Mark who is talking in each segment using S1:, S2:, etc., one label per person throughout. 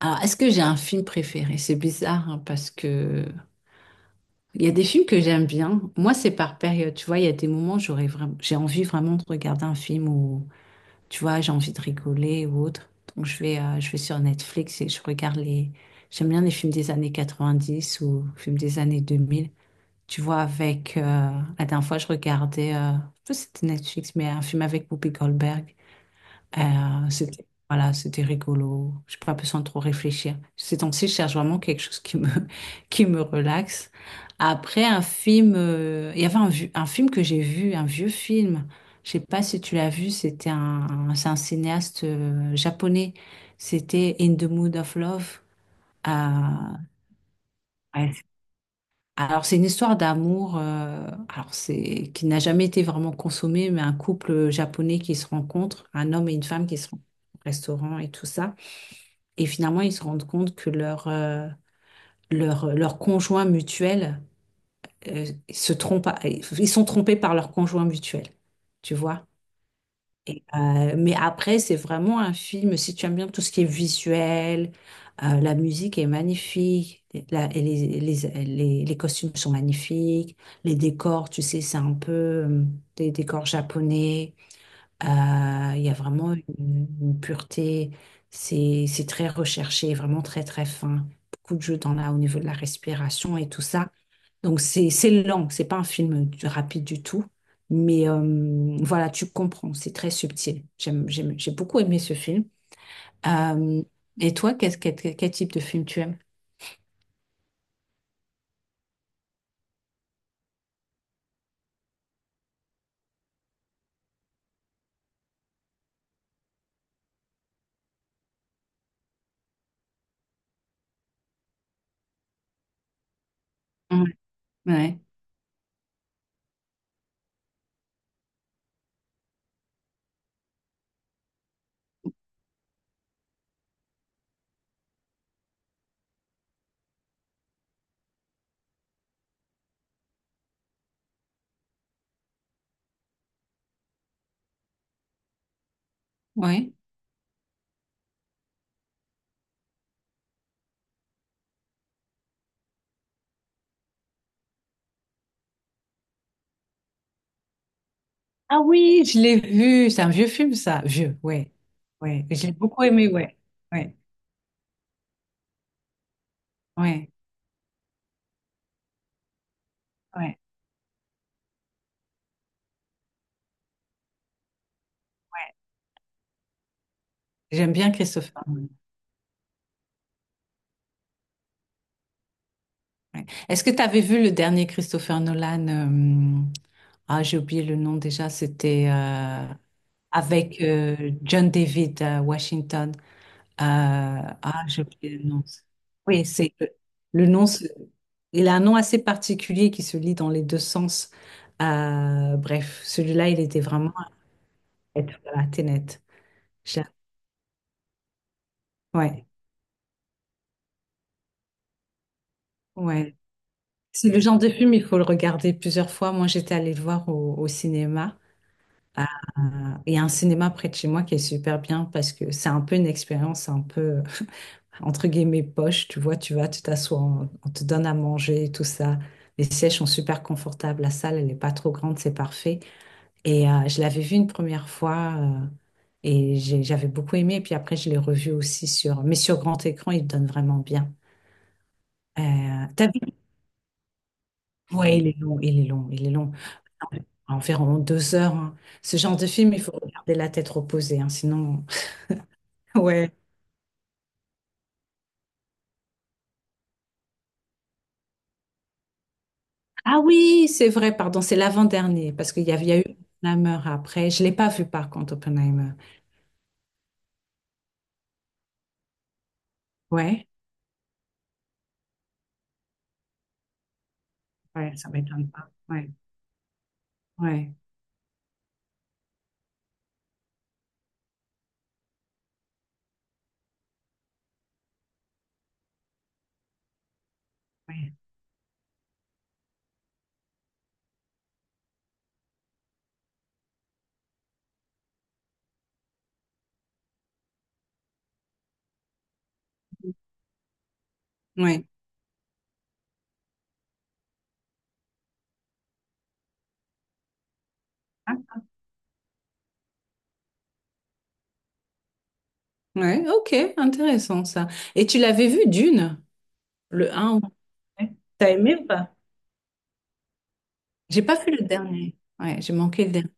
S1: Alors, est-ce que j'ai un film préféré? C'est bizarre hein, parce que il y a des films que j'aime bien. Moi, c'est par période. Tu vois, il y a des moments où j'aurais vraiment, j'ai envie vraiment de regarder un film où, tu vois, j'ai envie de rigoler ou autre. Donc, je vais sur Netflix et je regarde les. J'aime bien les films des années 90 ou films des années 2000. Tu vois, avec la dernière fois, je regardais, je sais pas si c'était Netflix, mais un film avec Whoopi Goldberg. C'était voilà, c'était rigolo. Je pas besoin de trop réfléchir. Ces temps-ci, je cherche vraiment quelque chose qui me qui me relaxe. Après un film, il y avait un film que j'ai vu, un vieux film. Je sais pas si tu l'as vu. C'était c'est un cinéaste japonais. C'était In the Mood of Love. Euh, alors, c'est une histoire d'amour, alors c'est qui n'a jamais été vraiment consommée, mais un couple japonais qui se rencontre, un homme et une femme qui se rencontrent au restaurant et tout ça. Et finalement, ils se rendent compte que leur conjoint mutuel euh, se trompe, ils sont trompés par leur conjoint mutuel, tu vois. Mais après, c'est vraiment un film, si tu aimes bien tout ce qui est visuel, la musique est magnifique, et les costumes sont magnifiques, les décors, tu sais, c'est un peu des décors japonais. Il y a vraiment une pureté, c'est très recherché, vraiment très très fin. Beaucoup de jeux dans au niveau de la respiration et tout ça. Donc c'est lent, c'est pas un film rapide du tout, mais voilà, tu comprends, c'est très subtil. J'ai beaucoup aimé ce film. Euh, et toi, quel type de film tu aimes? Ouais, ouais. Ouais. Ah oui, je l'ai vu, c'est un vieux film ça, vieux, ouais, ouais. J'ai beaucoup aimé, ouais, ouais, ouais, ouais. J'aime bien Christopher Nolan. Ouais. Est-ce que tu avais vu le dernier Christopher Nolan? Ah, j'ai oublié le nom déjà. C'était avec John David Washington. Ah, j'ai oublié le nom. Oui, c'est le nom. Il a un nom assez particulier qui se lit dans les deux sens. Bref, celui-là, il était vraiment à la Tenet. J'ai- Ouais, ouais. C'est le genre de film, il faut le regarder plusieurs fois. Moi, j'étais allée le voir au cinéma. Euh, Il y a un cinéma près de chez moi qui est super bien parce que c'est un peu une expérience un peu entre guillemets poche. Tu vois, tu vas, tu t'assois, on te donne à manger, et tout ça. Les sièges sont super confortables. La salle, elle n'est pas trop grande, c'est parfait. Et je l'avais vu une première fois et j'avais beaucoup aimé. Et puis après, je l'ai revu aussi mais sur grand écran, il donne vraiment bien. T'as vu? Ouais, il est long, il est long, il est long. Environ 2 heures, hein. Ce genre de film, il faut regarder la tête reposée, hein, sinon. Ouais. Ah oui, c'est vrai, pardon, c'est l'avant-dernier, parce qu'il y avait- il y a eu Oppenheimer après. Je ne l'ai pas vu par contre, Oppenheimer. Ouais, ouais, ça m'étonne pas. Ouais, ouais, ouais, ouais. Ah, ouais, ok, intéressant ça. Et tu l'avais vu Dune, le un ou Ouais. T'as aimé ou pas? J'ai pas vu le dernier. Ouais, j'ai manqué le dernier.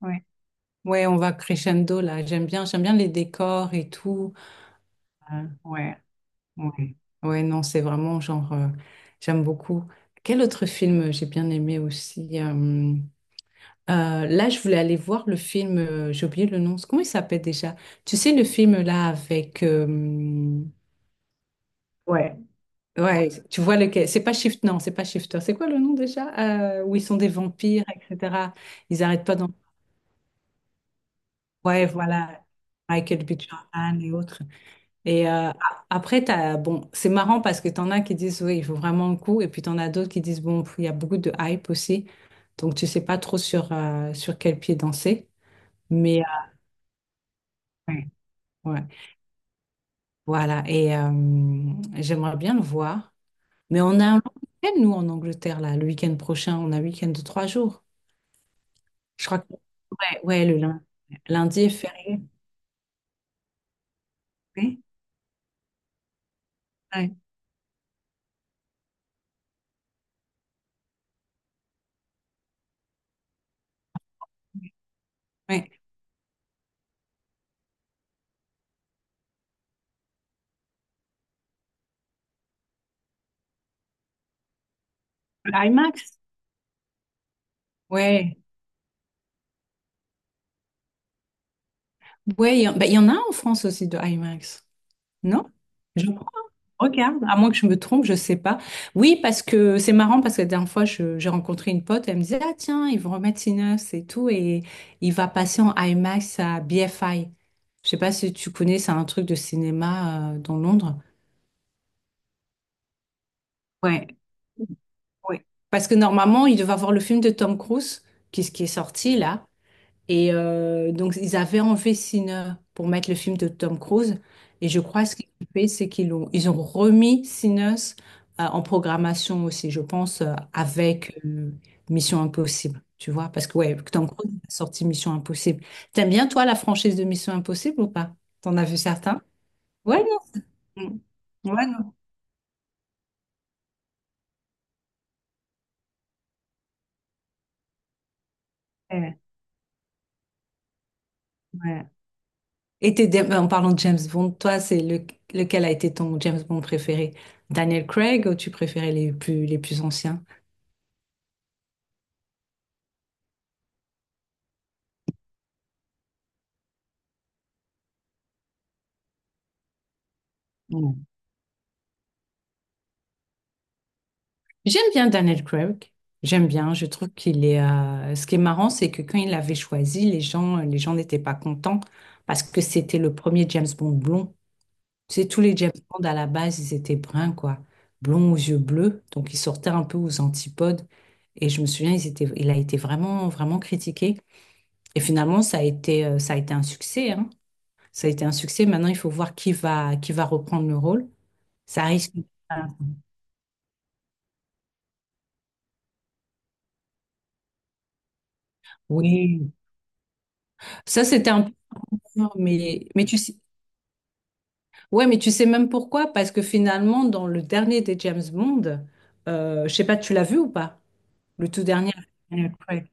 S1: Ouais. Ouais, on va crescendo là. J'aime bien les décors et tout. Ouais. Ouais. Ouais, non, c'est vraiment genre, j'aime beaucoup. Quel autre film j'ai bien aimé aussi Là, je voulais aller voir le film, j'ai oublié le nom, comment il s'appelle déjà? Tu sais, le film là avec. Ouais. Ouais, tu vois lequel? C'est pas Shift, non, c'est pas Shifter. C'est quoi le nom déjà? Où ils sont des vampires, etc. Ils arrêtent pas d'en. Ouais, voilà. Michael B. Jordan et autres. Et après, t'as, bon, c'est marrant parce que t'en as qui disent, oui, il faut vraiment le coup. Et puis t'en as d'autres qui disent, bon, pff, il y a beaucoup de hype aussi. Donc, tu sais pas trop sur quel pied danser. Mais ouais, ouais. Voilà. Et j'aimerais bien le voir. Mais on a un long week-end, nous, en Angleterre, là, le week-end prochain. On a un week-end de 3 jours. Je crois que... Ouais, ouais, le lundi. Lundi est férié. Oui, ouais, ouais. Le IMAX. Ouais. Ouais, en bah, il y en a en France aussi de IMAX. Non? Je Regarde, à moins que je me trompe, je sais pas. Oui, parce que c'est marrant parce que la dernière fois, j'ai rencontré une pote, elle me disait, ah tiens, ils vont remettre Sinners et tout, et il va passer en IMAX à BFI. Je sais pas si tu connais, c'est un truc de cinéma dans Londres. Ouais, ouais. Parce que normalement, il devait avoir le film de Tom Cruise, qui est sorti là. Et donc, ils avaient enlevé Sinner pour mettre le film de Tom Cruise. Et je crois ce qu'ils ont fait, c'est ils ont remis Sinners en programmation aussi, je pense, avec Mission Impossible. Tu vois, parce que ouais, Tom Cruise a sorti Mission Impossible. T'aimes bien, toi, la franchise de Mission Impossible ou pas? T'en as vu certains? Ouais, non. Mm. Ouais, non. Ouais, ouais. Et t'es, en parlant de James Bond, toi, c'est lequel a été ton James Bond préféré? Daniel Craig ou tu préférais les plus anciens? Ouais. J'aime bien Daniel Craig. J'aime bien. Je trouve qu'il est. Ce qui est marrant, c'est que quand il l'avait choisi, les gens n'étaient pas contents parce que c'était le premier James Bond blond. C'est tous les James Bond à la base, ils étaient bruns, quoi, blonds aux yeux bleus. Donc ils sortaient un peu aux antipodes. Et je me souviens, ils étaient, il a été vraiment, vraiment critiqué. Et finalement, ça a été un succès, hein. Ça a été un succès. Maintenant, il faut voir qui va reprendre le rôle. Ça risque. Oui. Ça, c'était un. Non, mais tu sais, ouais, mais tu sais même pourquoi? Parce que finalement, dans le dernier des James Bond, je sais pas, tu l'as vu ou pas? Le tout dernier, avec Daniel Craig.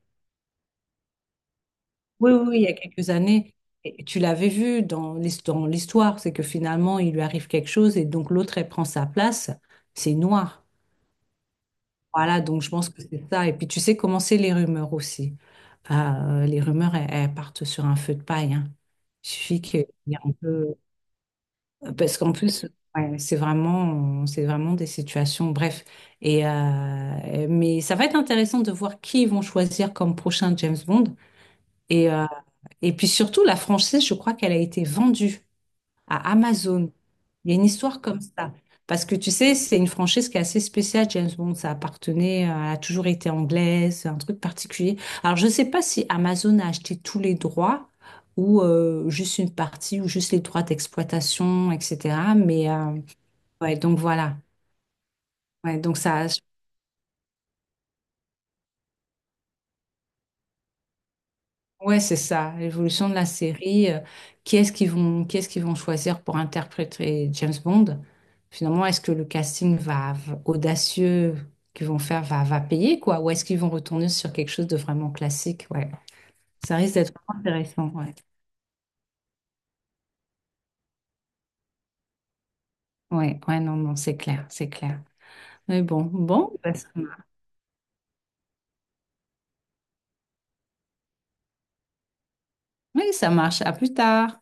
S1: Oui, oui, oui, il y a quelques années. Et tu l'avais vu dans l'histoire, c'est que finalement, il lui arrive quelque chose et donc l'autre, elle prend sa place. C'est noir. Voilà, donc je pense que c'est ça. Et puis tu sais comment c'est les rumeurs aussi. Les rumeurs, elles partent sur un feu de paille, hein. Il suffit qu'il y ait un peu. Parce qu'en plus, ouais, c'est vraiment des situations, bref. Mais ça va être intéressant de voir qui ils vont choisir comme prochain James Bond. Et, euh, et puis surtout, la franchise, je crois qu'elle a été vendue à Amazon. Il y a une histoire comme ça. Parce que tu sais, c'est une franchise qui est assez spéciale. James Bond, ça appartenait, elle a toujours été anglaise, un truc particulier. Alors, je ne sais pas si Amazon a acheté tous les droits ou juste une partie ou juste les droits d'exploitation, etc. Mais ouais, donc voilà. Ouais, donc ça, Ouais, c'est ça, l'évolution de la série. Qui est-ce qu'ils vont choisir pour interpréter James Bond? Finalement, est-ce que le casting audacieux qu'ils vont faire va payer, quoi? Ou est-ce qu'ils vont retourner sur quelque chose de vraiment classique? Ouais, ça risque d'être vraiment intéressant. Ouais, ouais, ouais, non, non, c'est clair, c'est clair. Mais bon, bon, bah, ça marche. Oui, ça marche. À plus tard.